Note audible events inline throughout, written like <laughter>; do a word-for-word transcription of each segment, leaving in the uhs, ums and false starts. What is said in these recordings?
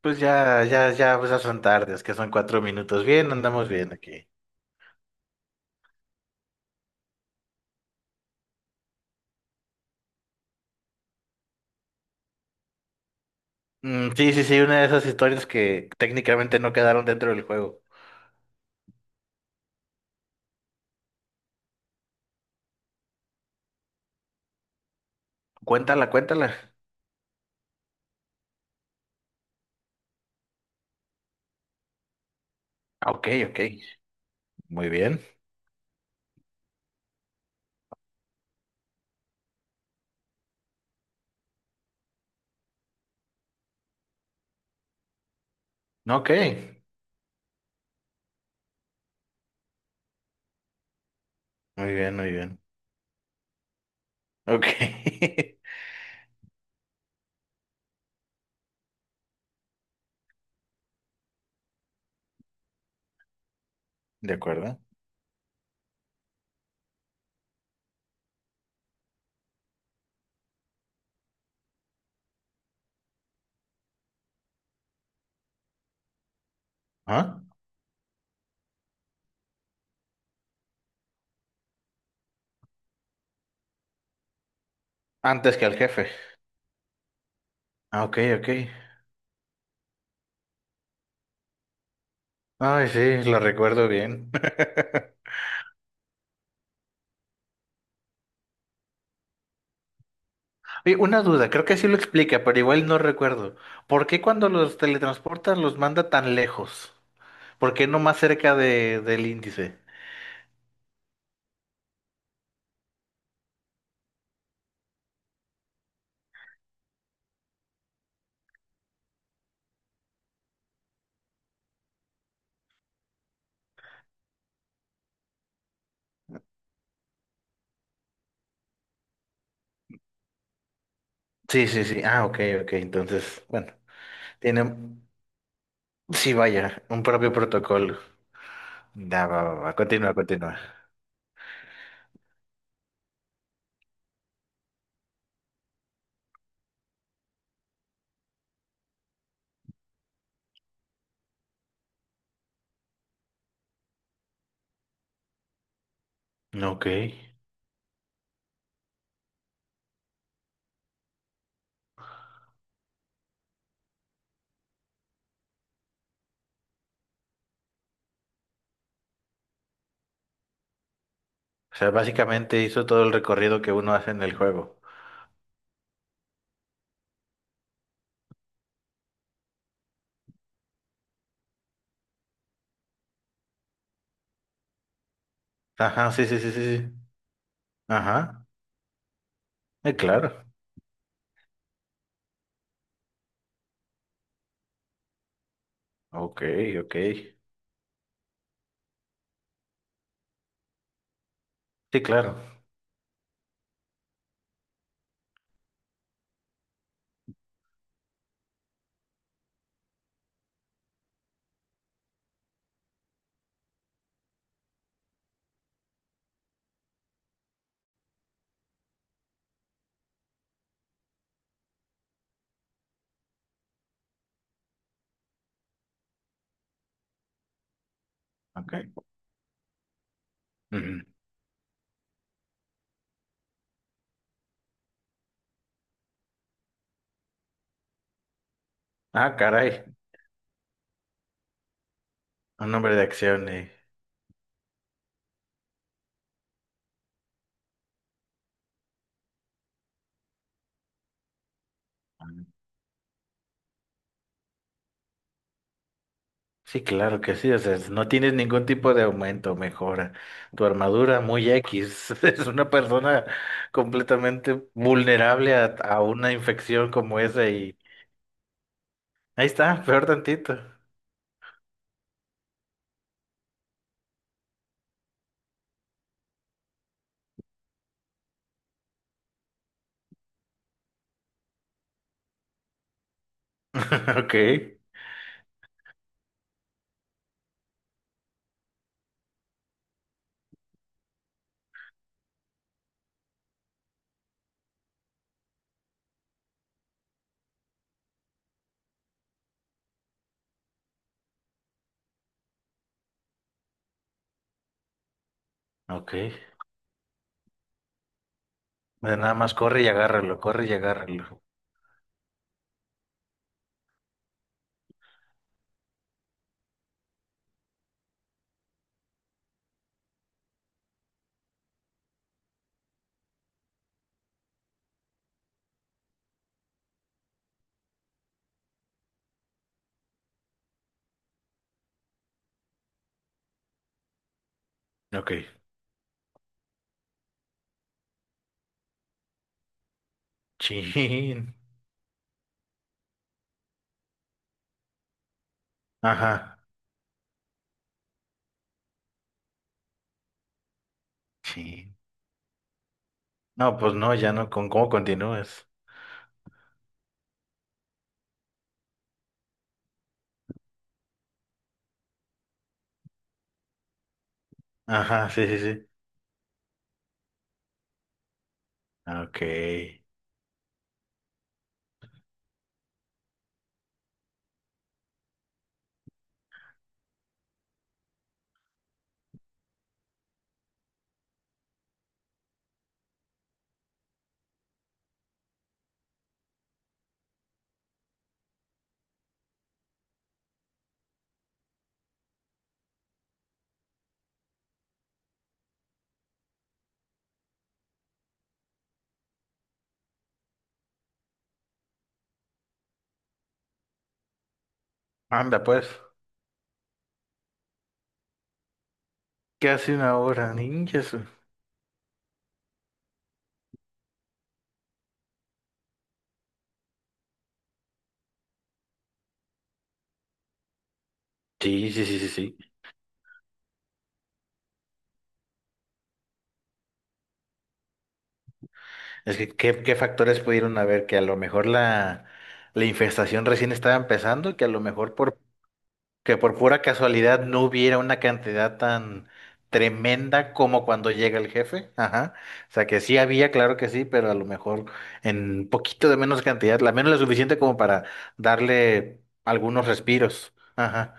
Pues ya, ya, ya, pues ya son tardes, que son cuatro minutos. Bien, andamos bien aquí. Mm, sí, sí, sí, una de esas historias que técnicamente no quedaron dentro del juego. Cuéntala, cuéntala. Ah, ok, ok. Muy bien. Ok. Muy bien, muy bien. Ok. <laughs> De acuerdo. ¿Ah? Antes que al jefe. Ah, ok, ok. Ay, sí, lo recuerdo bien. <laughs> Oye, una duda, creo que sí lo explica, pero igual no recuerdo. ¿Por qué cuando los teletransportan los manda tan lejos? ¿Por qué no más cerca de, del índice? Sí, sí, sí. Ah, ok, ok. Entonces, bueno, tiene, sí, vaya, un propio protocolo. Ya, va, va, va. Continúa, continúa. Ok. O sea, básicamente hizo todo el recorrido que uno hace en el juego. Ajá, sí, sí, sí, sí. sí. Ajá. Eh, claro. Ok, ok. Sí, claro. Ok. Ujú. Ah, caray. Un nombre de acción. eh. Sí, claro que sí, o sea, no tienes ningún tipo de aumento, mejora. Tu armadura muy X, <laughs> es una persona completamente vulnerable a, a una infección como esa y ahí está, peor tantito. <laughs> Ok, ok. Bueno, nada más corre y agárralo, corre y agárralo. Ok. Chin. Ajá. Chin. No, pues no, ya no, ¿con cómo continúas? Ajá, sí, sí, sí. Ok. Anda, pues. ¿Qué hace una hora, ninjas? Sí, sí, sí, sí, sí. Es que, ¿qué, qué factores pudieron haber? Que a lo mejor la, la infestación recién estaba empezando y que a lo mejor por, que por pura casualidad no hubiera una cantidad tan tremenda como cuando llega el jefe. Ajá. O sea, que sí había, claro que sí, pero a lo mejor en poquito de menos cantidad, la menos lo suficiente como para darle algunos respiros. Ajá,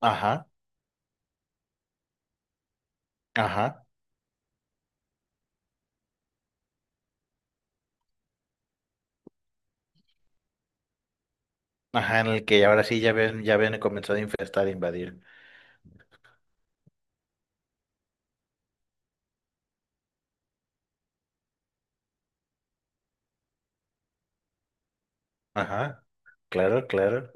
ajá, ajá, ajá, en el que ahora sí ya ven, ya ven comenzado a infestar, a invadir. Ajá, claro, claro.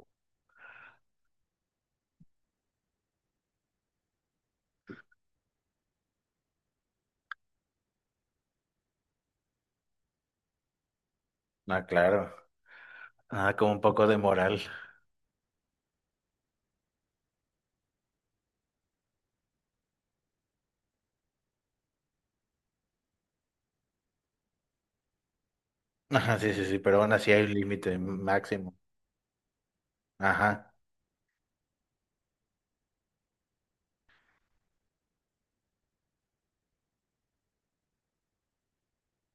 Ah, claro. Ah, como un poco de moral. Ajá, sí, sí, sí, pero aún así hay un límite máximo. Ajá.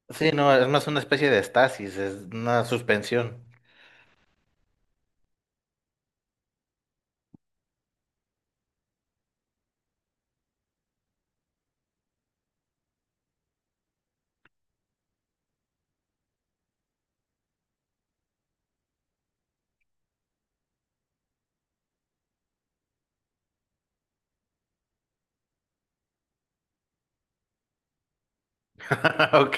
Sí, no, es más una especie de estasis, es una suspensión. <laughs> Ok.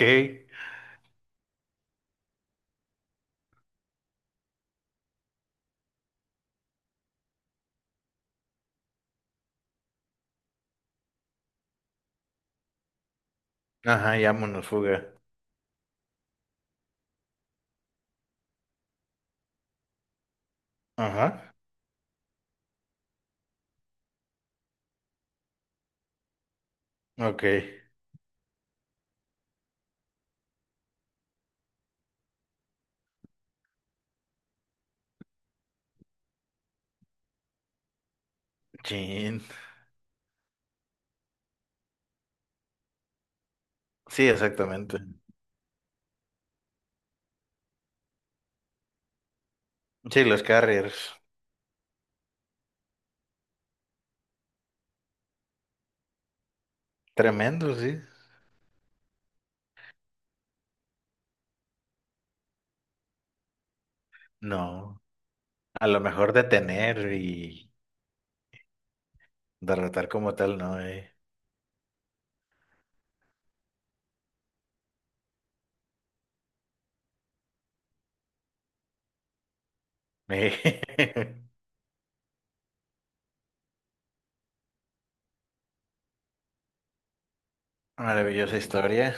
Ajá, llámonos fuga. Ajá. Ok. Chin. Sí, exactamente. Sí, los carriers. Tremendo, sí. No. A lo mejor detener y derrotar como tal, no, eh. <laughs> Maravillosa historia.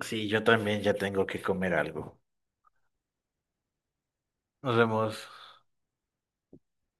Sí, yo también ya tengo que comer algo. Nos vemos.